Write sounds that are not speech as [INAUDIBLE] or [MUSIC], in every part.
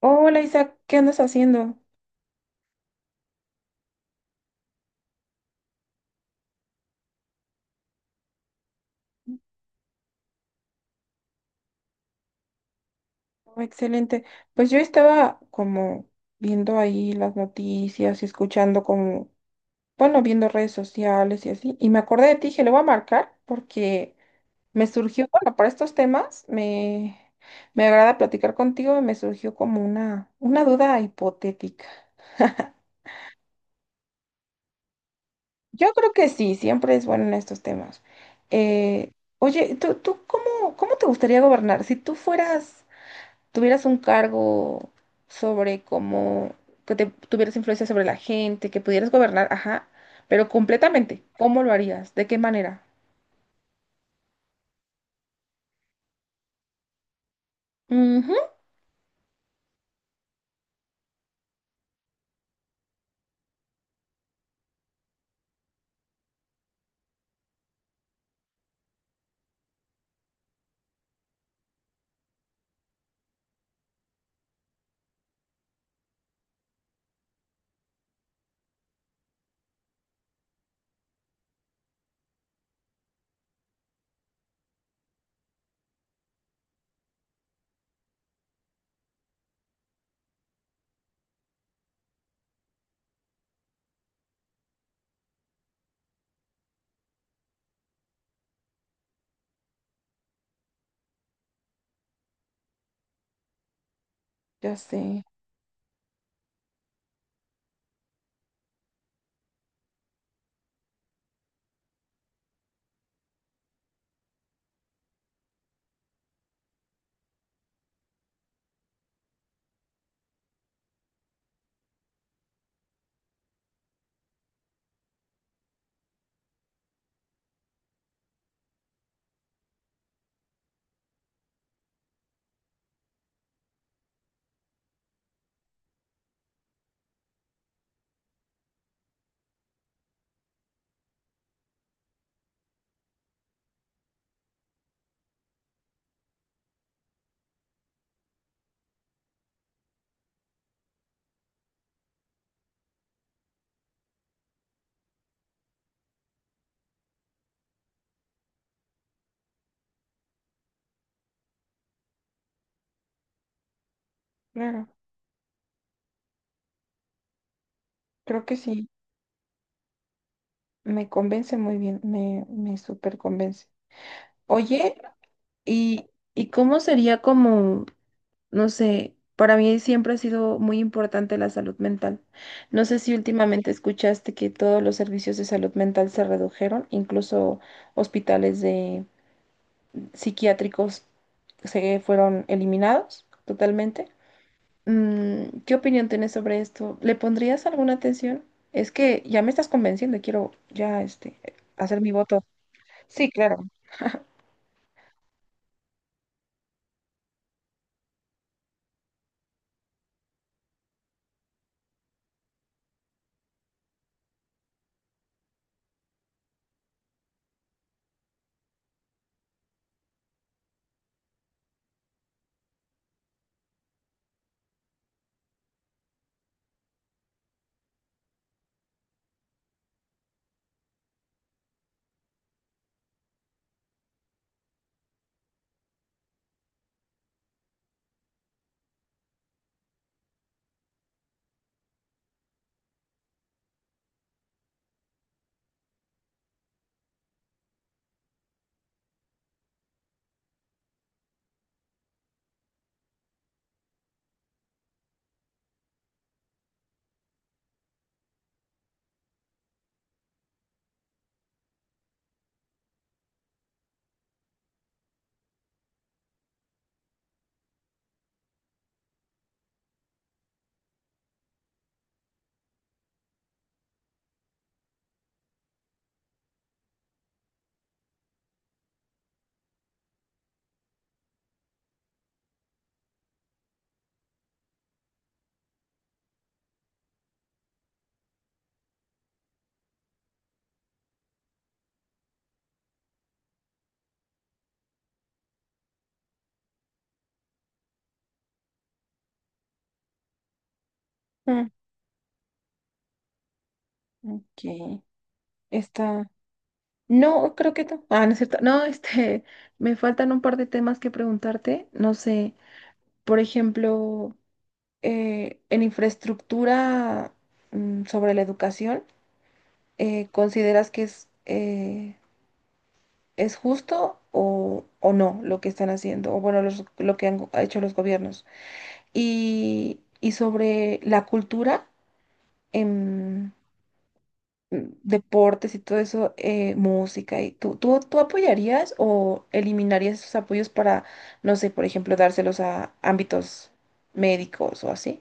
Hola Isaac, ¿qué andas haciendo? Oh, excelente. Pues yo estaba como viendo ahí las noticias y escuchando como, bueno, viendo redes sociales y así. Y me acordé de ti, dije, le voy a marcar porque me surgió, bueno, para estos temas me agrada platicar contigo y me surgió como una duda hipotética. [LAUGHS] Yo creo que sí, siempre es bueno en estos temas. Eh, Oye, ¿tú cómo, cómo te gustaría gobernar? Si tú fueras... tuvieras un cargo sobre cómo, que te, tuvieras influencia sobre la gente, que pudieras gobernar, ajá, pero completamente, ¿cómo lo harías? ¿De qué manera? Ujú. Ya sé, claro, creo que sí, me convence muy bien, me súper convence. Oye, ¿y, y cómo sería como, no sé, para mí siempre ha sido muy importante la salud mental. No sé si últimamente escuchaste que todos los servicios de salud mental se redujeron, incluso hospitales de psiquiátricos se fueron eliminados totalmente. Mm, ¿qué opinión tienes sobre esto? ¿Le pondrías alguna atención? Es que ya me estás convenciendo y quiero ya este, hacer mi voto. Sí, claro. [LAUGHS] Mm, ok, está. No, creo que no. Ah, no es cierto. No, este, [LAUGHS] me faltan un par de temas que preguntarte. No sé, por ejemplo, en infraestructura sobre la educación, ¿consideras que es ¿es justo o no lo que están haciendo? O bueno, lo que hecho los gobiernos. Y sobre la cultura, em, mm, deportes y todo eso, música, y ¿tú apoyarías o eliminarías esos apoyos para, no sé, por ejemplo, dárselos a ámbitos médicos o así?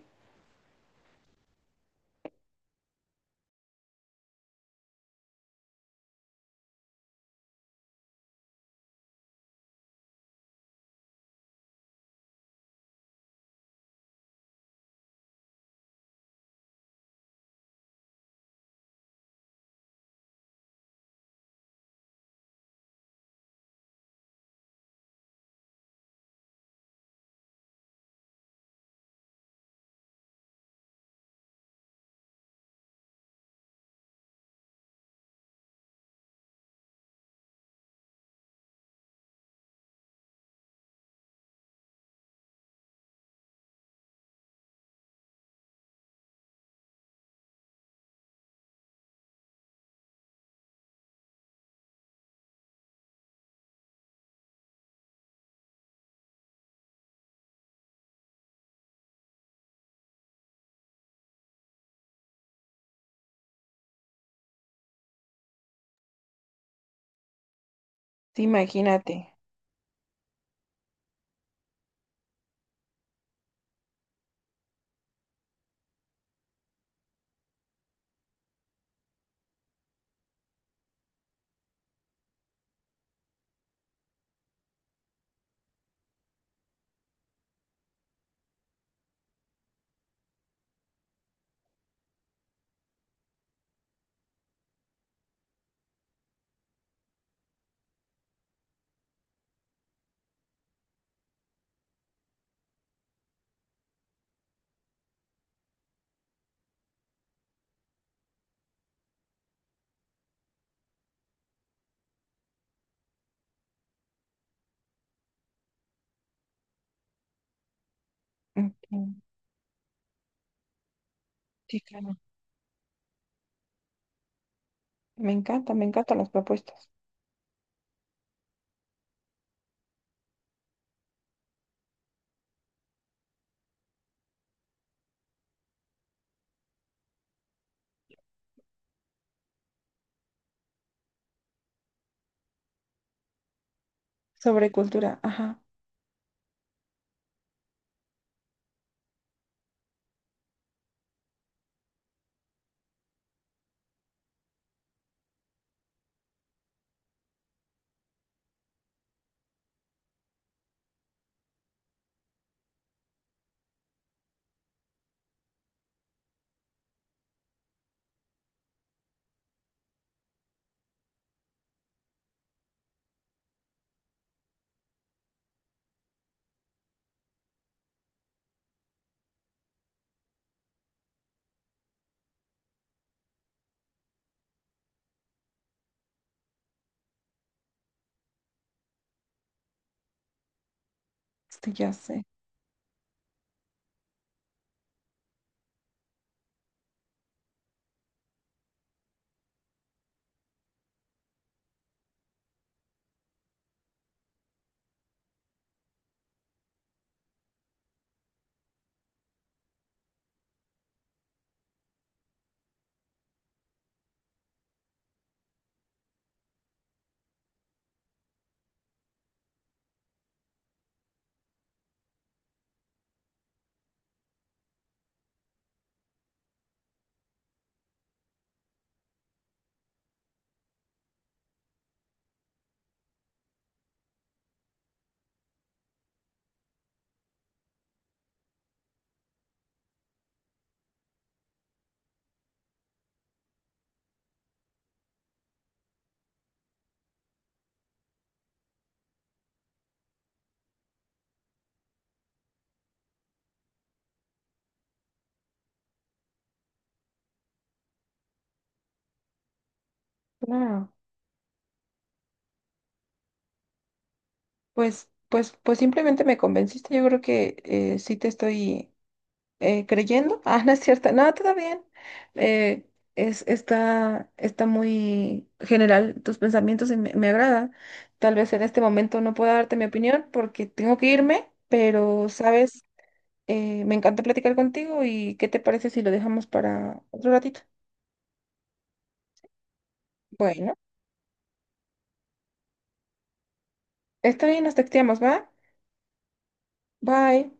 Sí, imagínate. Ujú. Sí, claro. Me encanta, me encantan las propuestas. Sobre cultura, ajá, sí, ya sé. Claro. Pues simplemente me convenciste. Yo creo que sí te estoy creyendo. [LAUGHS] Ah, no es cierto. No, todo bien. Eh, es, está, está muy general tus pensamientos y me agrada. Tal vez en este momento no pueda darte mi opinión porque tengo que irme, pero sabes, me encanta platicar contigo y ¿qué te parece si lo dejamos para otro ratito? Bueno, está bien, nos texteamos, ¿va? Bye.